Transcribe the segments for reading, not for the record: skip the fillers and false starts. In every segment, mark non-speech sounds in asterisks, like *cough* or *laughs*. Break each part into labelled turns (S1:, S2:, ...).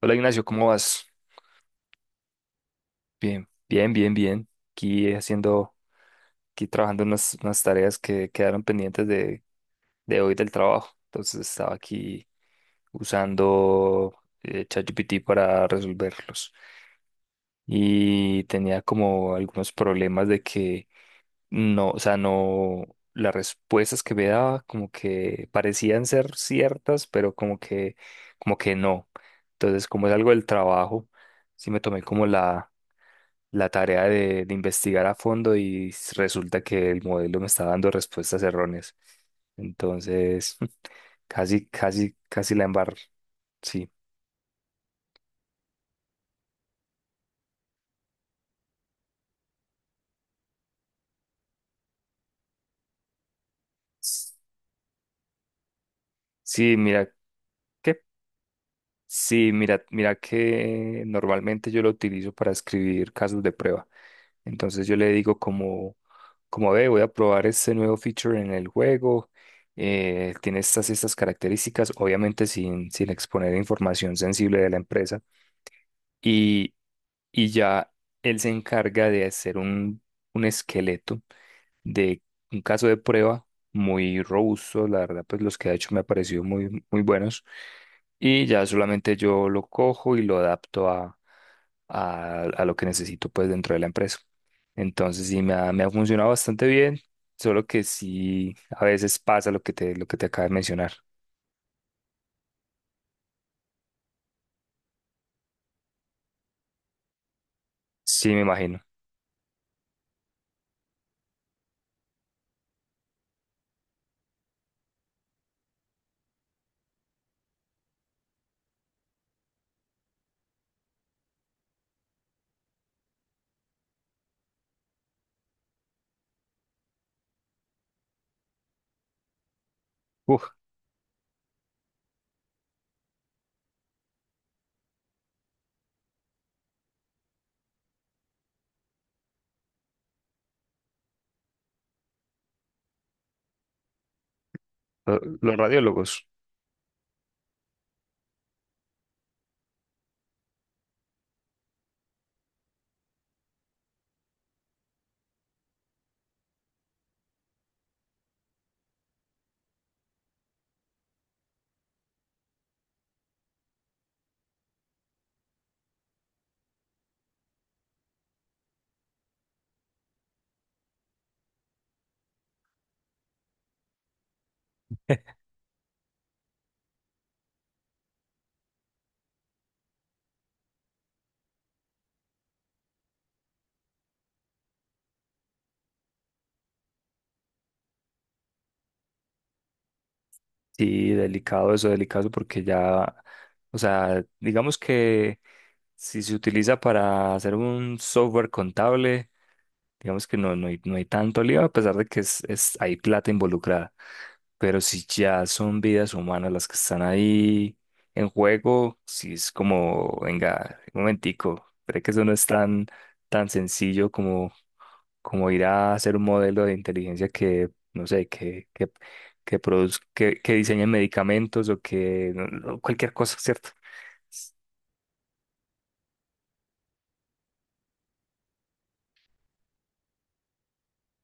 S1: Hola Ignacio, ¿cómo vas? Bien, bien, bien, bien. Aquí haciendo, aquí trabajando en unas tareas que quedaron pendientes de hoy del trabajo. Entonces estaba aquí usando ChatGPT para resolverlos. Y tenía como algunos problemas de que no, o sea, no, las respuestas que me daba como que parecían ser ciertas, pero como que no. Entonces, como es algo del trabajo, sí me tomé como la tarea de investigar a fondo y resulta que el modelo me está dando respuestas erróneas. Entonces, *laughs* casi, casi, casi la embarro. Sí. S- Sí, mira, ¿qué? Sí, mira, mira que normalmente yo lo utilizo para escribir casos de prueba. Entonces yo le digo como, como ve, voy a probar este nuevo feature en el juego. Tiene estas y estas características, obviamente sin, sin exponer información sensible de la empresa. y y ya él se encarga de hacer un esqueleto de un caso de prueba muy robusto, la verdad, pues los que ha hecho me han parecido muy, muy buenos y ya solamente yo lo cojo y lo adapto a lo que necesito pues dentro de la empresa. Entonces sí, me ha funcionado bastante bien, solo que sí, a veces pasa lo que te acabo de mencionar. Sí, me imagino. Uf, los radiólogos. Sí, delicado eso, delicado porque ya, o sea, digamos que si se utiliza para hacer un software contable, digamos que no, no hay, no hay tanto lío, a pesar de que es, hay plata involucrada. Pero si ya son vidas humanas las que están ahí en juego, si es como, venga, un momentico, creo que eso no es tan, tan sencillo como, como ir a hacer un modelo de inteligencia que, no sé, que produzca, que diseñe medicamentos o que no, cualquier cosa, ¿cierto?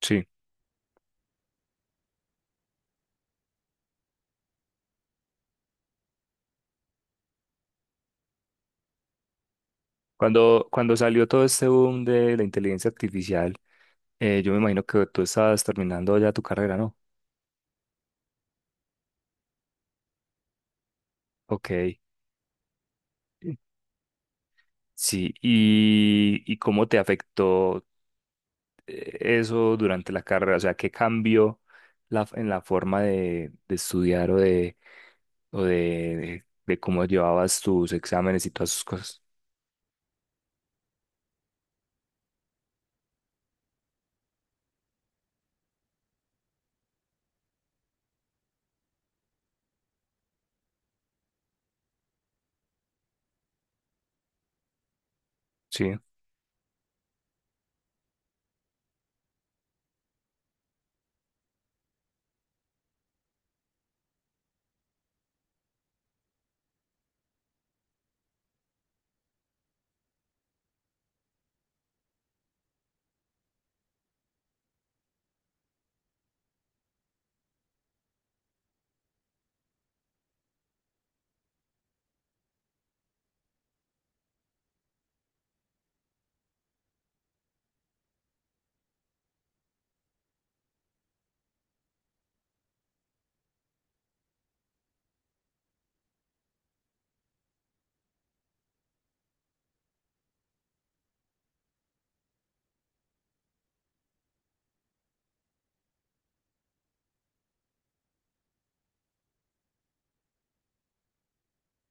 S1: Sí. Cuando, cuando salió todo este boom de la inteligencia artificial, eh, yo me imagino que tú estás terminando ya tu carrera, ¿no? Ok. Sí, y cómo te afectó eso durante la carrera? O sea, ¿qué cambió la, en la forma de estudiar o de cómo llevabas tus exámenes y todas esas cosas? Sí.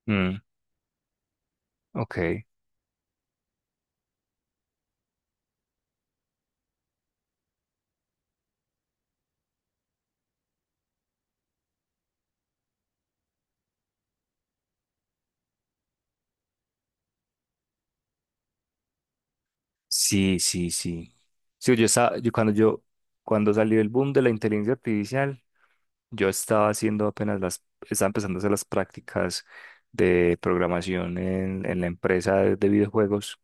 S1: Mm, ok. Sí, sí, sí. Sí, yo estaba, yo, cuando salió el boom de la inteligencia artificial, yo estaba haciendo apenas las, estaba empezando a hacer las prácticas de programación en la empresa de videojuegos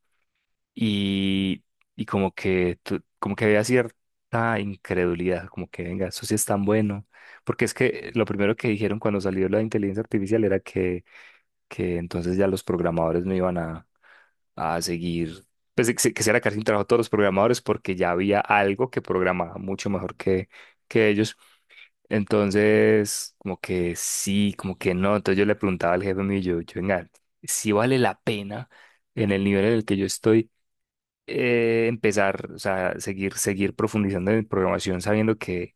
S1: y, y como que, como que había cierta incredulidad, como que venga, eso sí es tan bueno, porque es que lo primero que dijeron cuando salió la inteligencia artificial era que entonces ya los programadores no iban a seguir, pues que se iban a quedar sin trabajo todos los programadores porque ya había algo que programaba mucho mejor que ellos. Entonces, como que sí, como que no. Entonces yo le preguntaba al jefe mío, venga, si vale la pena en el nivel en el que yo estoy empezar, o sea, seguir, seguir profundizando en programación sabiendo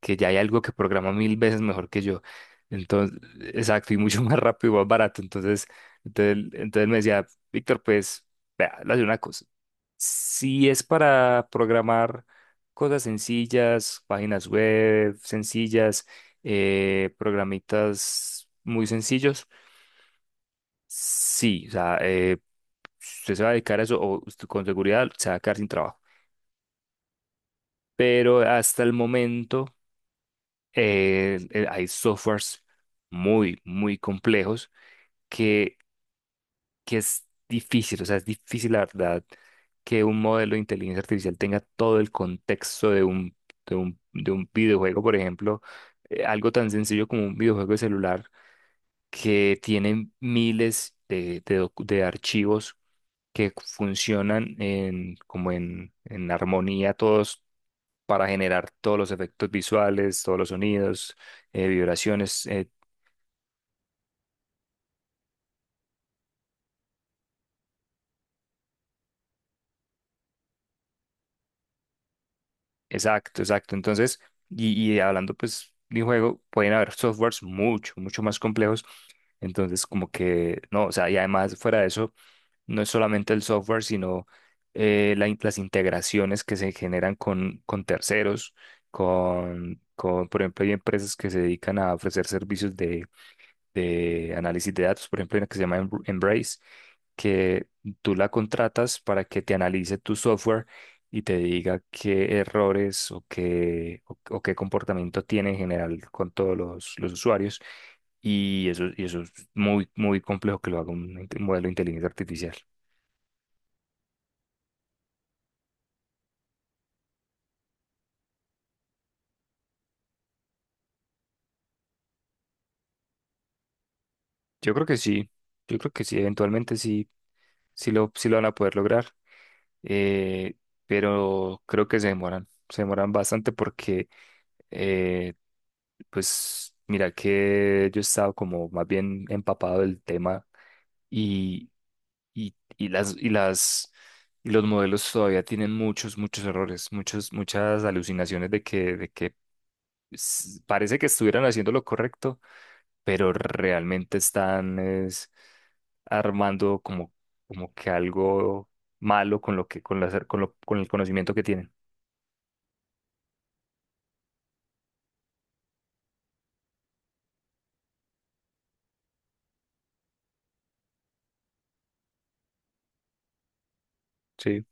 S1: que ya hay algo que programa mil veces mejor que yo. Entonces, exacto, y mucho *laughs* más rápido y más barato. Entonces, entonces me decía, Víctor, pues, vea, le voy a hacer una cosa. Si es para programar cosas sencillas, páginas web sencillas, programitas muy sencillos, sí, o sea, usted se va a dedicar a eso o usted con seguridad se va a quedar sin trabajo. Pero hasta el momento hay softwares muy, muy complejos que que es difícil, o sea, es difícil la verdad que un modelo de inteligencia artificial tenga todo el contexto de un, de un, de un videojuego, por ejemplo, algo tan sencillo como un videojuego de celular que tiene miles de, de archivos que funcionan en, como en armonía todos para generar todos los efectos visuales, todos los sonidos, vibraciones, exacto, exacto. Entonces, y hablando pues de un juego, pueden haber softwares mucho, mucho más complejos. Entonces, como que, no, o sea, y además fuera de eso, no es solamente el software, sino las integraciones que se generan con terceros, con, por ejemplo, hay empresas que se dedican a ofrecer servicios de análisis de datos, por ejemplo, hay una que se llama Embrace, que tú la contratas para que te analice tu software y te diga qué errores o qué comportamiento tiene en general con todos los usuarios. Y eso es muy, muy complejo que lo haga un, un modelo de inteligencia artificial. Yo creo que sí, yo creo que sí, eventualmente sí, sí lo van a poder lograr, eh, pero creo que se demoran bastante porque eh, pues mira que yo he estado como más bien empapado del tema y, y las y las y los modelos todavía tienen muchos, muchos errores, muchos, muchas alucinaciones de que parece que estuvieran haciendo lo correcto, pero realmente están es, armando como, como que algo malo con lo que, con la, con con el conocimiento que tienen. Sí.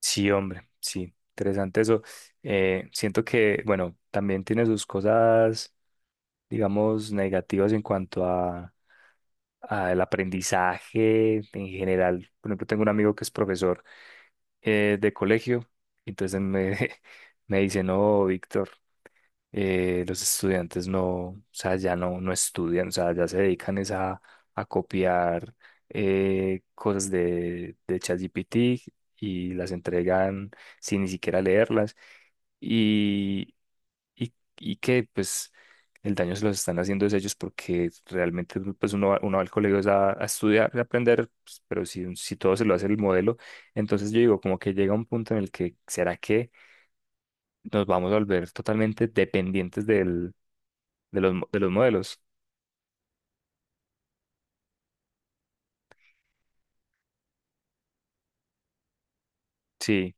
S1: Sí, hombre, sí, interesante eso. Siento que, bueno, también tiene sus cosas, digamos, negativas en cuanto a el aprendizaje en general. Por ejemplo, tengo un amigo que es profesor de colegio, y entonces me, *laughs* me dice, no, Víctor, los estudiantes no, o sea, ya no, no estudian, o sea, ya se dedican es a copiar cosas de ChatGPT y las entregan sin ni siquiera leerlas y, y que pues el daño se los están haciendo es ellos porque realmente pues uno va al colegio es a estudiar, y a aprender, pues, pero si, si todo se lo hace el modelo, entonces yo digo como que llega un punto en el que ¿será que nos vamos a volver totalmente dependientes del, de los, de los modelos? Sí,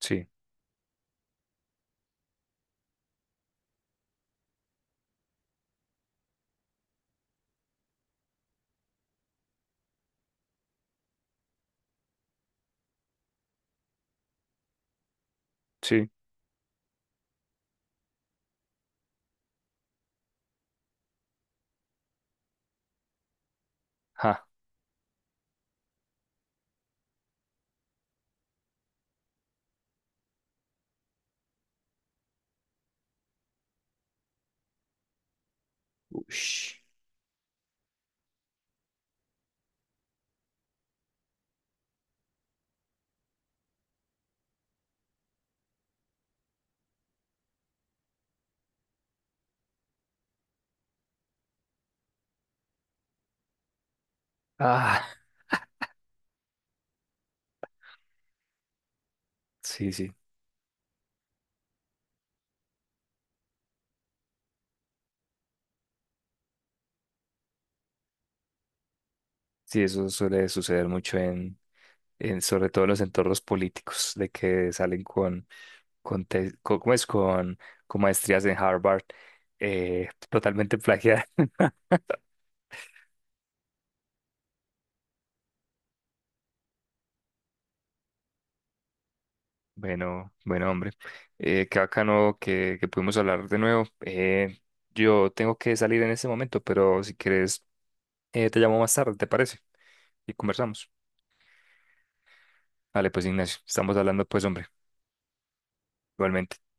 S1: sí, sí. Ja. Ush. Ah, sí, sí. Sí, eso suele suceder mucho en sobre todo en los entornos políticos, de que salen con, ¿cómo es? Con maestrías en Harvard, totalmente plagiada. *laughs* Bueno, bueno, hombre, qué bacano que pudimos hablar de nuevo. Yo tengo que salir en este momento, pero si quieres, te llamo más tarde, ¿te parece? Y conversamos. Vale, pues Ignacio, estamos hablando pues, hombre, igualmente.